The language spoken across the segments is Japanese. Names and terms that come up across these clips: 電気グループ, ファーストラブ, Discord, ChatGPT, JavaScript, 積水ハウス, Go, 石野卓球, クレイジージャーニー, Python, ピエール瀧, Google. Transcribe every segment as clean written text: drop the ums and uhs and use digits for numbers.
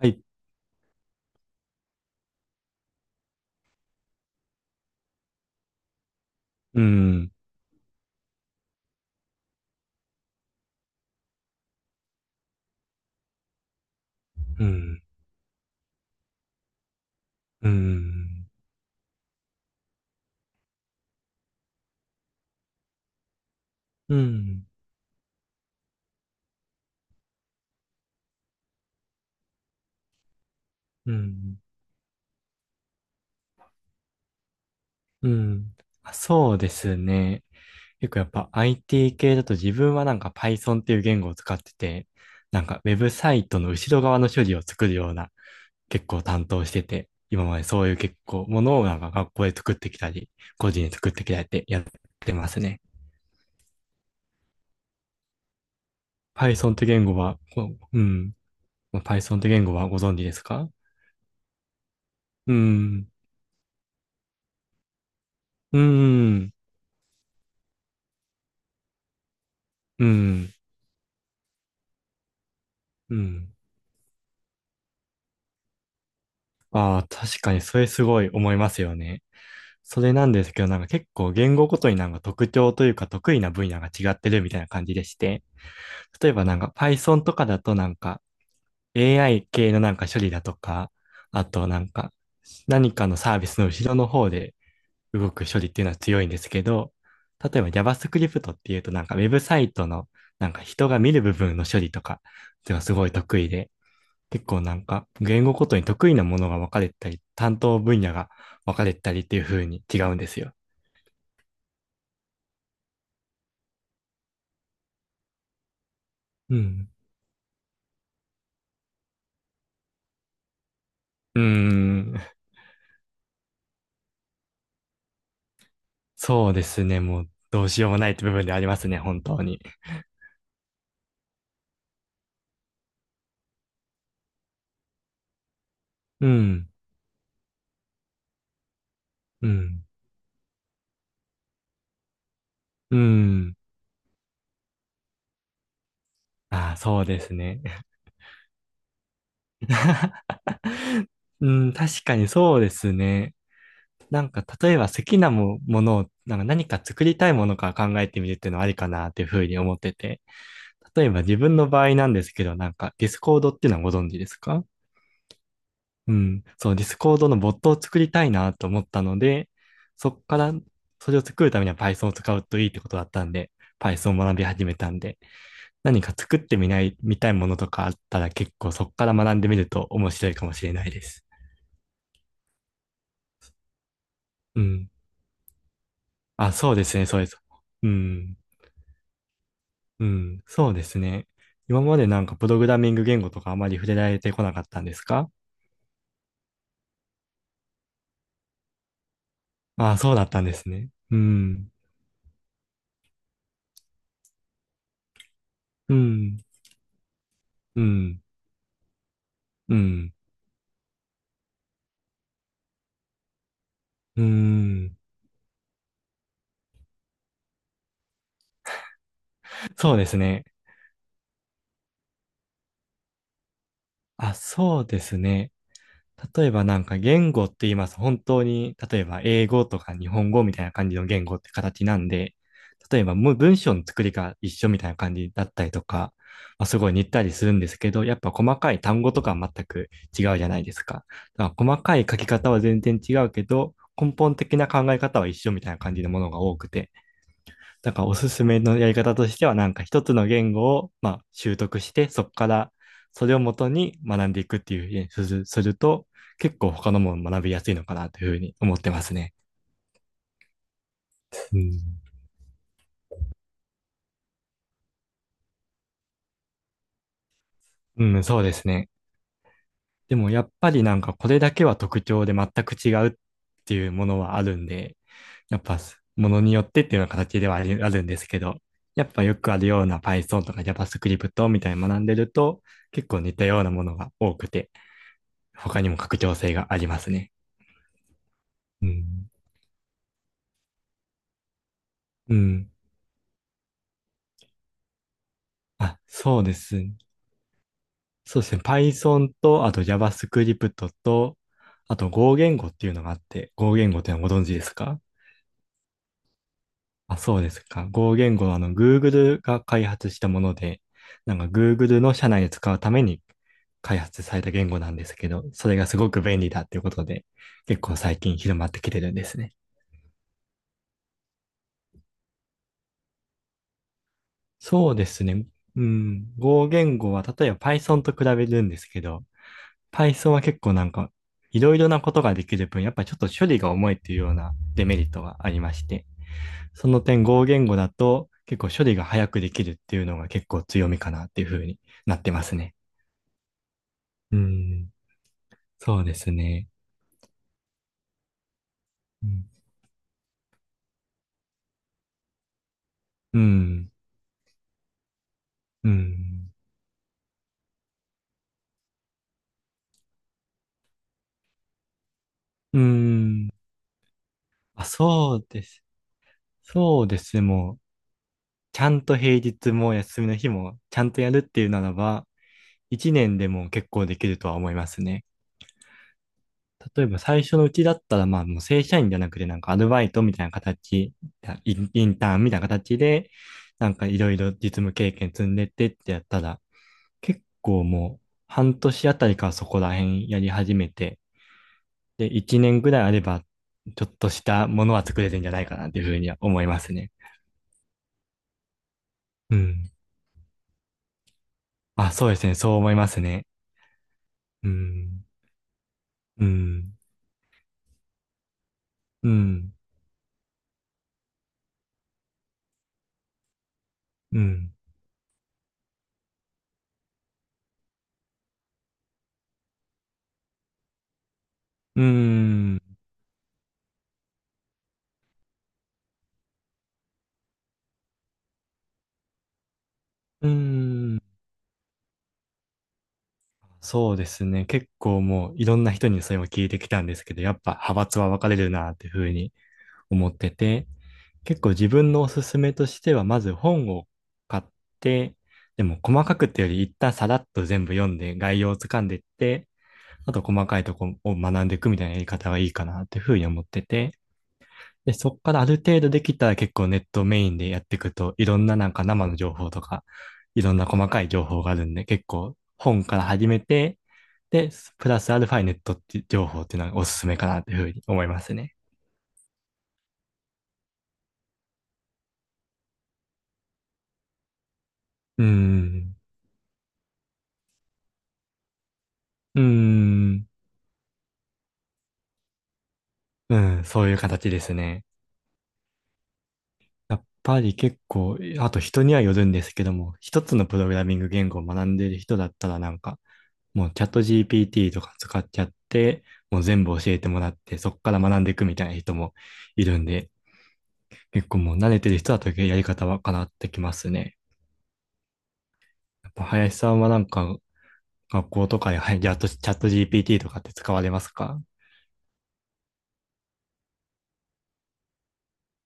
はい。うん、うん、うん、うん、うん、うん。あ、そうですね。結構やっぱ IT 系だと自分はなんか Python っていう言語を使ってて、なんかウェブサイトの後ろ側の処理を作るような結構担当してて、今までそういう結構ものをなんか学校で作ってきたり、個人で作ってきたりってやってますね。Python って言語は、こううん。Python って言語はご存知ですか？うん、うん、うん、うん。ああ、確かにそれすごい思いますよね。それなんですけど、なんか結構言語ごとになんか特徴というか得意な分野が違ってるみたいな感じでして、例えばなんか Python とかだとなんか AI 系のなんか処理だとか、あとなんか何かのサービスの後ろの方で動く処理っていうのは強いんですけど、例えば JavaScript っていうとなんかウェブサイトのなんか人が見る部分の処理とかっていうのはすごい得意で、結構なんか言語ごとに得意なものが分かれたり、担当分野が分かれたりっていう風に違うんですよ。うん。うーん。そうですね。もうどうしようもないって部分でありますね、本当に。うん。うん。うん。ああ、そうですね。うん、確かにそうですね。なんか、例えば好きなも、ものを、なんか何か作りたいものから考えてみるっていうのはありかなっていうふうに思ってて。例えば自分の場合なんですけど、なんかディスコードっていうのはご存知ですか？うん。そう、ディスコードのボットを作りたいなと思ったので、そこから、それを作るためには Python を使うといいってことだったんで、Python を学び始めたんで、何か作ってみたいものとかあったら結構そこから学んでみると面白いかもしれないです。うん。あ、そうですね、そうです。うん。うん。そうですね。今までなんかプログラミング言語とかあまり触れられてこなかったんですか？あ、そうだったんですね。うん。うん、うん、うん、うん。そうですね。あ、そうですね。例えばなんか言語って言います。本当に、例えば英語とか日本語みたいな感じの言語って形なんで、例えばもう文章の作りが一緒みたいな感じだったりとか、まあ、すごい似たりするんですけど、やっぱ細かい単語とかは全く違うじゃないですか。だから細かい書き方は全然違うけど、根本的な考え方は一緒みたいな感じのものが多くて、だからおすすめのやり方としては、なんか一つの言語を、まあ、習得して、そこからそれをもとに学んでいくっていうふうにするすると、結構他のもの学びやすいのかなというふうに思ってますね。うん、うん、そうですね。でもやっぱりなんかこれだけは特徴で全く違うっていうものはあるんで、やっぱものによってっていうような形ではあるんですけど、やっぱよくあるような Python とか JavaScript みたいに学んでると結構似たようなものが多くて、他にも拡張性がありますね。うん。うん。あ、そうです。そうですね。Python と、あと JavaScript と、あと Go 言語っていうのがあって、Go 言語ってのはご存知ですか？あ、そうですか。Go 言語はあの Google が開発したもので、なんか Google の社内で使うために開発された言語なんですけど、それがすごく便利だっていうことで、結構最近広まってきてるんですね。そうですね。うん。Go 言語は例えば Python と比べるんですけど、Python は結構なんか、いろいろなことができる分、やっぱりちょっと処理が重いっていうようなデメリットがありまして、その点、Go 言語だと結構処理が早くできるっていうのが結構強みかなっていうふうになってますね。うん、そうですね。うん、うん、うん。あ、そうです。そうです。もう、ちゃんと平日も休みの日もちゃんとやるっていうならば、一年でも結構できるとは思いますね。例えば最初のうちだったら、まあもう正社員じゃなくて、なんかアルバイトみたいな形、インターンみたいな形で、なんかいろいろ実務経験積んでってってやったら、結構もう半年あたりからそこら辺やり始めて、で、1年ぐらいあれば、ちょっとしたものは作れるんじゃないかなっていうふうには思いますね。うん。あ、そうですね。そう思いますね。うん。うん。うん。うん。うん。うん。そうですね。結構もういろんな人にそれも聞いてきたんですけど、やっぱ派閥は分かれるなっていうふうに思ってて、結構自分のおすすめとしては、まず本を買って、でも細かくってより一旦さらっと全部読んで概要をつかんでいって、あと細かいとこを学んでいくみたいなやり方がいいかなっていうふうに思ってて、で、そこからある程度できたら結構ネットメインでやっていくと、いろんななんか生の情報とか、いろんな細かい情報があるんで、結構本から始めて、で、プラスアルファネットって情報っていうのがおすすめかなというふうに思いますね。うーん。うーん。うん、そういう形ですね。やっぱり結構、あと人にはよるんですけども、一つのプログラミング言語を学んでいる人だったらなんか、もうチャット GPT とか使っちゃって、もう全部教えてもらって、そこから学んでいくみたいな人もいるんで、結構もう慣れてる人だとやり方は変わってきますね。やっぱ林さんはなんか学校とかで、はい、じゃあチャット GPT とかって使われますか？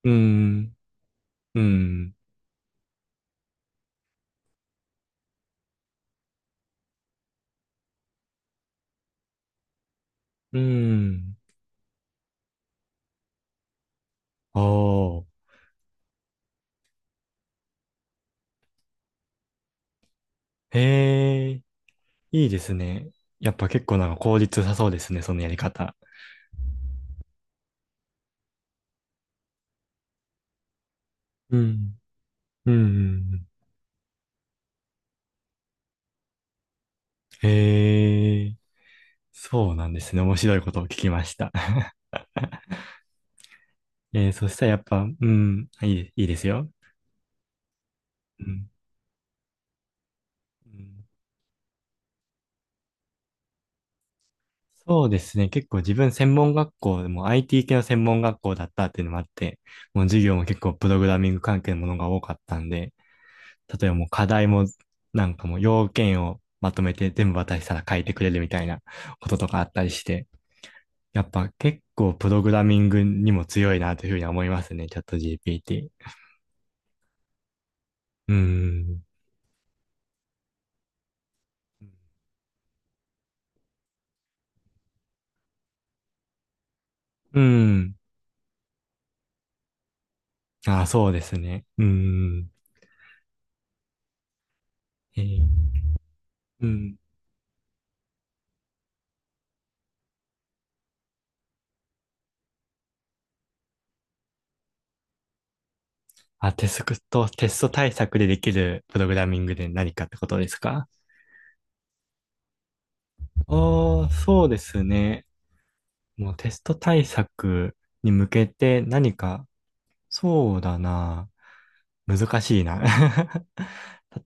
うーん、うーん、うーん。おー、へえ、いいですね。やっぱ結構なんか効率良さそうですね、そのやり方。うん、うん、うん。へえ、そうなんですね。面白いことを聞きました。そしたらやっぱ、うん、いい、いいですよ。うん。うん、そうですね。結構自分専門学校でも IT 系の専門学校だったっていうのもあって、もう授業も結構プログラミング関係のものが多かったんで、例えばもう課題もなんかもう要件をまとめて全部渡したら書いてくれるみたいなこととかあったりして、やっぱ結構プログラミングにも強いなというふうには思いますね。チャット GPT。うん。うん。ああ、そうですね。うん。えーうん。あ、テスト対策でできるプログラミングで何かってことですか？ああ、そうですね。もうテスト対策に向けて何か、そうだな。難しいな。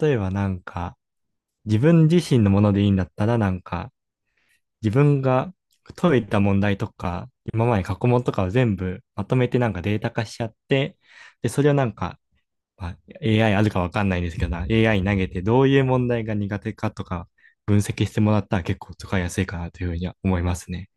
例えばなんか、自分自身のものでいいんだったらなんか、自分が解いた問題とか、今まで過去問とかを全部まとめてなんかデータ化しちゃって、で、それをなんかまあ、AI あるかわかんないんですけどな、AI 投げてどういう問題が苦手かとか分析してもらったら結構使いやすいかなというふうには思いますね。